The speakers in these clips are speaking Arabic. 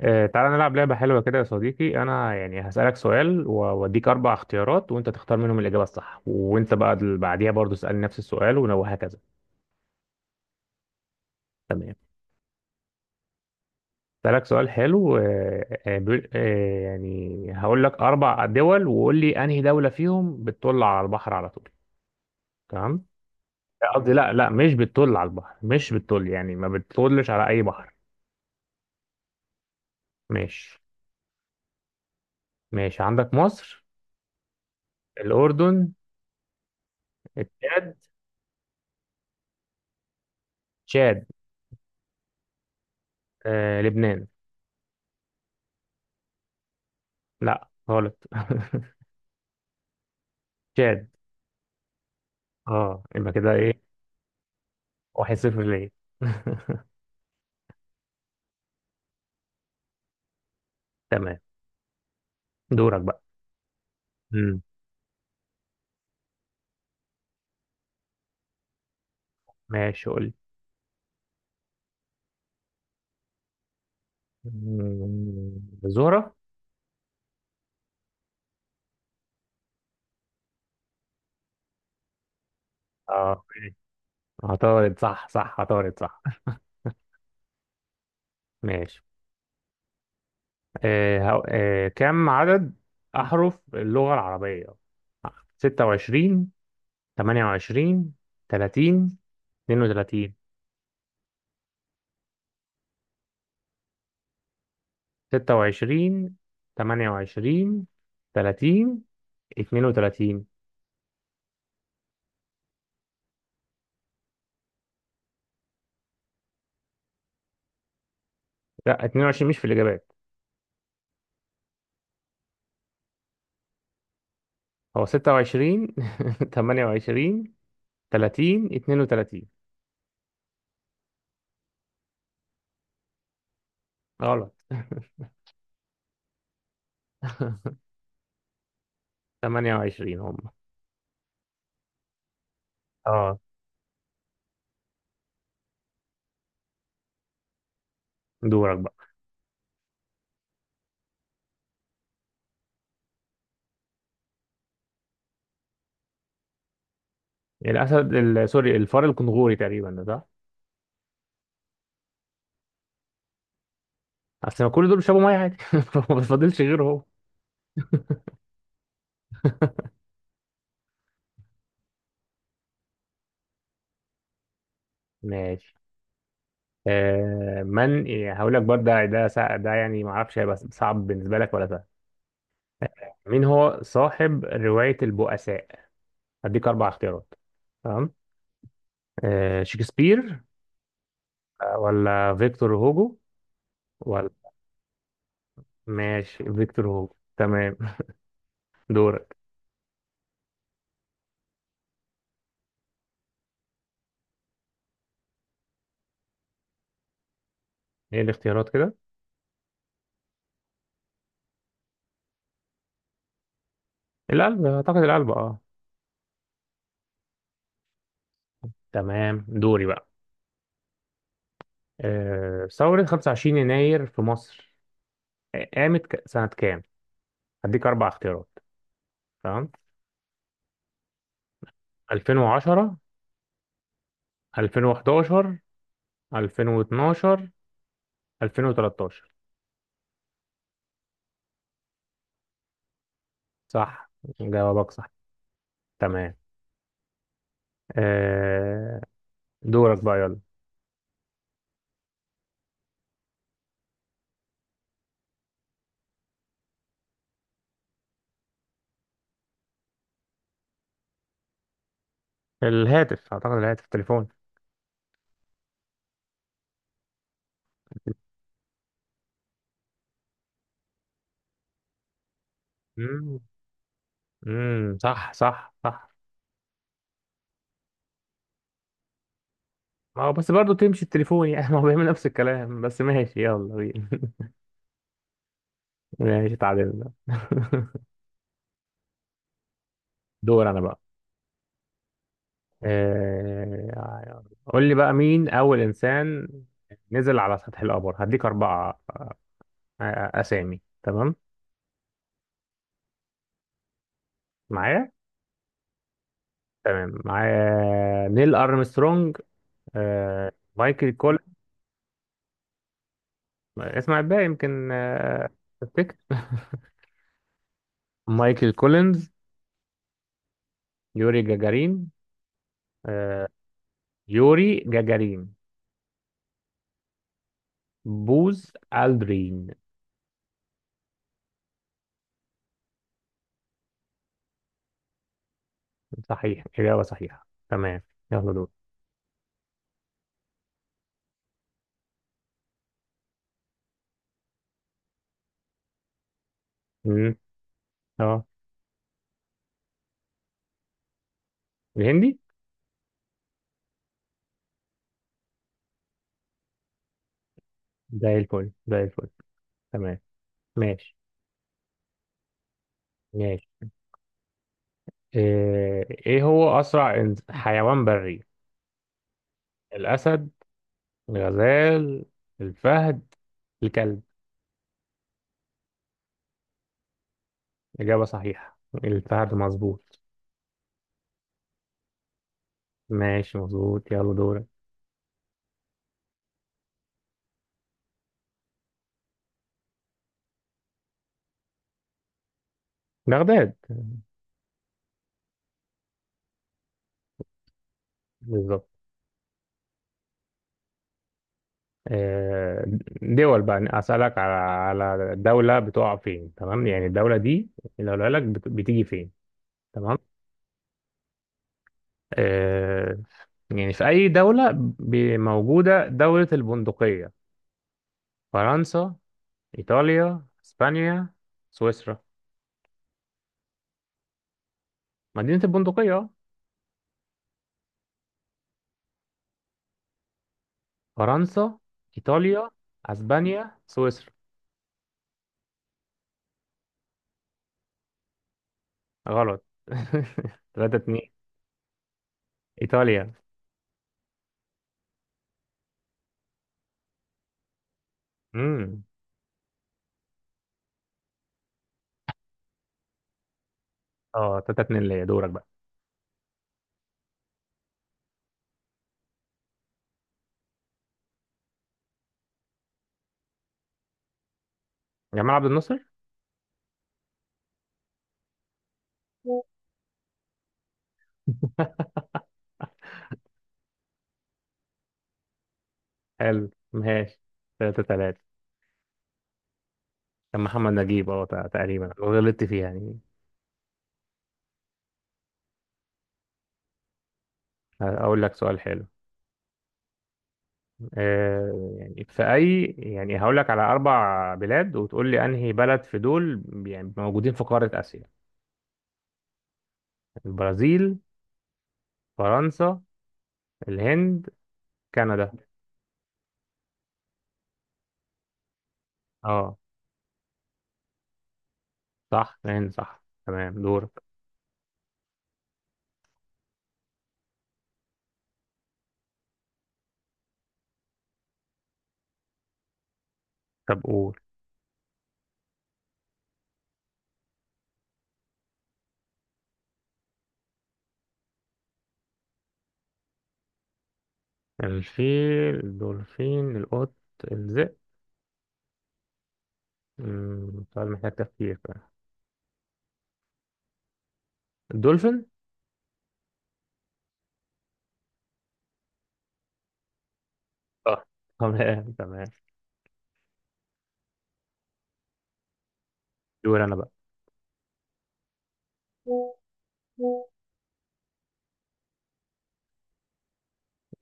تعالى نلعب لعبة حلوة كده يا صديقي. أنا يعني هسألك سؤال وأديك أربع اختيارات، وأنت تختار منهم الإجابة الصح، وأنت بقى اللي بعديها برضو اسألني نفس السؤال وهكذا. تمام. هسألك سؤال حلو. يعني هقول لك أربع دول وقول لي أنهي دولة فيهم بتطل على البحر على طول. تمام. قصدي لا لا مش بتطل على البحر، مش بتطل، يعني ما بتطلش على أي بحر. ماشي، ماشي. عندك مصر، الأردن، التشاد، تشاد، لبنان. لا، غلط. تشاد. اه، يبقى كده ايه؟ 1-0 ليه. تمام. دورك بقى. امم. ماشي، قول لي. زهرة. اه، ماشي. عطارد، صح، صح، عطارد صح. ماشي. آه هو... آه كم عدد أحرف اللغة العربية؟ 26، 28، 30، 32. 26، 28، 30، 32. لا، 22 مش في الإجابات. هو 26، 28، 30، 32. غلط 28 هم. اه، دورك بقى. الاسد سوري، الفار الكنغوري تقريبا، ده صح. اصل ما كل دول بيشربوا ميه عادي. ما بتفضلش غيره هو. ماشي. من إيه، هقول لك برضه ده يعني ما اعرفش هيبقى صعب بالنسبه لك ولا سهل. مين هو صاحب روايه البؤساء؟ هديك اربع اختيارات. تمام. شكسبير، ولا فيكتور هوجو. ماشي، فيكتور هوجو. تمام. دورك. ايه الاختيارات كده؟ القلب، اعتقد القلب، اه. تمام، دوري بقى. ثورة 25 يناير في مصر قامت سنة كام؟ هديك اربع اختيارات. تمام. 2010، 2011، 2012، 2013. صح، جوابك صح. تمام. آه، دورك بقى يلا. الهاتف، اعتقد الهاتف، التليفون. امم، صح، صح، صح. ما هو بس برضه تمشي التليفون يعني. ما هو بيعمل نفس الكلام بس. ماشي، يلا بينا. ماشي، اتعادلنا. دور انا بقى. قول لي بقى، مين اول انسان نزل على سطح القمر؟ هديك اربعة اسامي. تمام. معايا. تمام، معايا. نيل ارمسترونج، مايكل كولينز. اسمع الباقي يمكن. تفتكر. مايكل كولينز، يوري جاجارين، آه، يوري جاجارين، بوز الدرين. صحيح، إجابة صحيحة. تمام. يلا، دور. مم. اه، الهندي. زي الفل، زي الفل. تمام. ماشي. ماشي. إيه، هو أسرع حيوان بري؟ الأسد، الغزال، الفهد، الكلب. إجابة صحيحة، الفهد مظبوط. ماشي، مظبوط. يلا دورك. بغداد. بالظبط. آه، دول بقى أسألك على دولة بتقع فين. تمام. يعني الدولة دي لو قالك بتيجي فين. تمام. آه، يعني في أي دولة موجودة دولة البندقية؟ فرنسا، إيطاليا، إسبانيا، سويسرا. مدينة البندقية. فرنسا، إيطاليا، أسبانيا، سويسرا. غلط. تلاتة اتنين، إيطاليا. امم. اه، 3-2 ليا. دورك بقى. جمال عبد الناصر. حلو. ماشي، 3-3. كان محمد نجيب اه تقريبا، غلطت فيها يعني. هقول لك سؤال حلو. يعني في أي، يعني هقول لك على أربع بلاد وتقول لي أنهي بلد في دول يعني موجودين في قارة آسيا. البرازيل، فرنسا، الهند، كندا. اه، صح، الهند. صح، تمام. دورك. طب قول. الفيل، الدولفين، القط، الذئب. سؤال محتاج تفكير فعلا. الدولفين. صح. تمام، تمام. دور أنا بقى.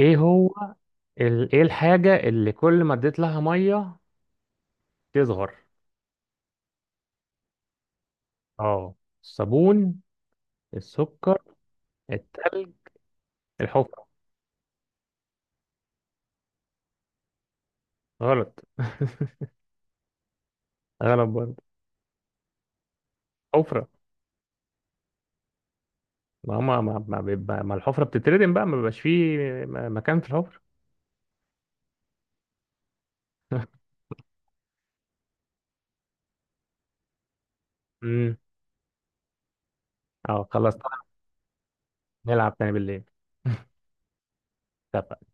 إيه إيه الحاجة اللي كل ما اديت لها مية تصغر؟ اه، الصابون، السكر، التلج، الحفرة. غلط. غلط برضه. حفرة. ما هما ما الحفرة بتتردم بقى، ما بيبقاش فيه مكان في الحفرة. امم. اه، خلاص. نلعب تاني بالليل. طب.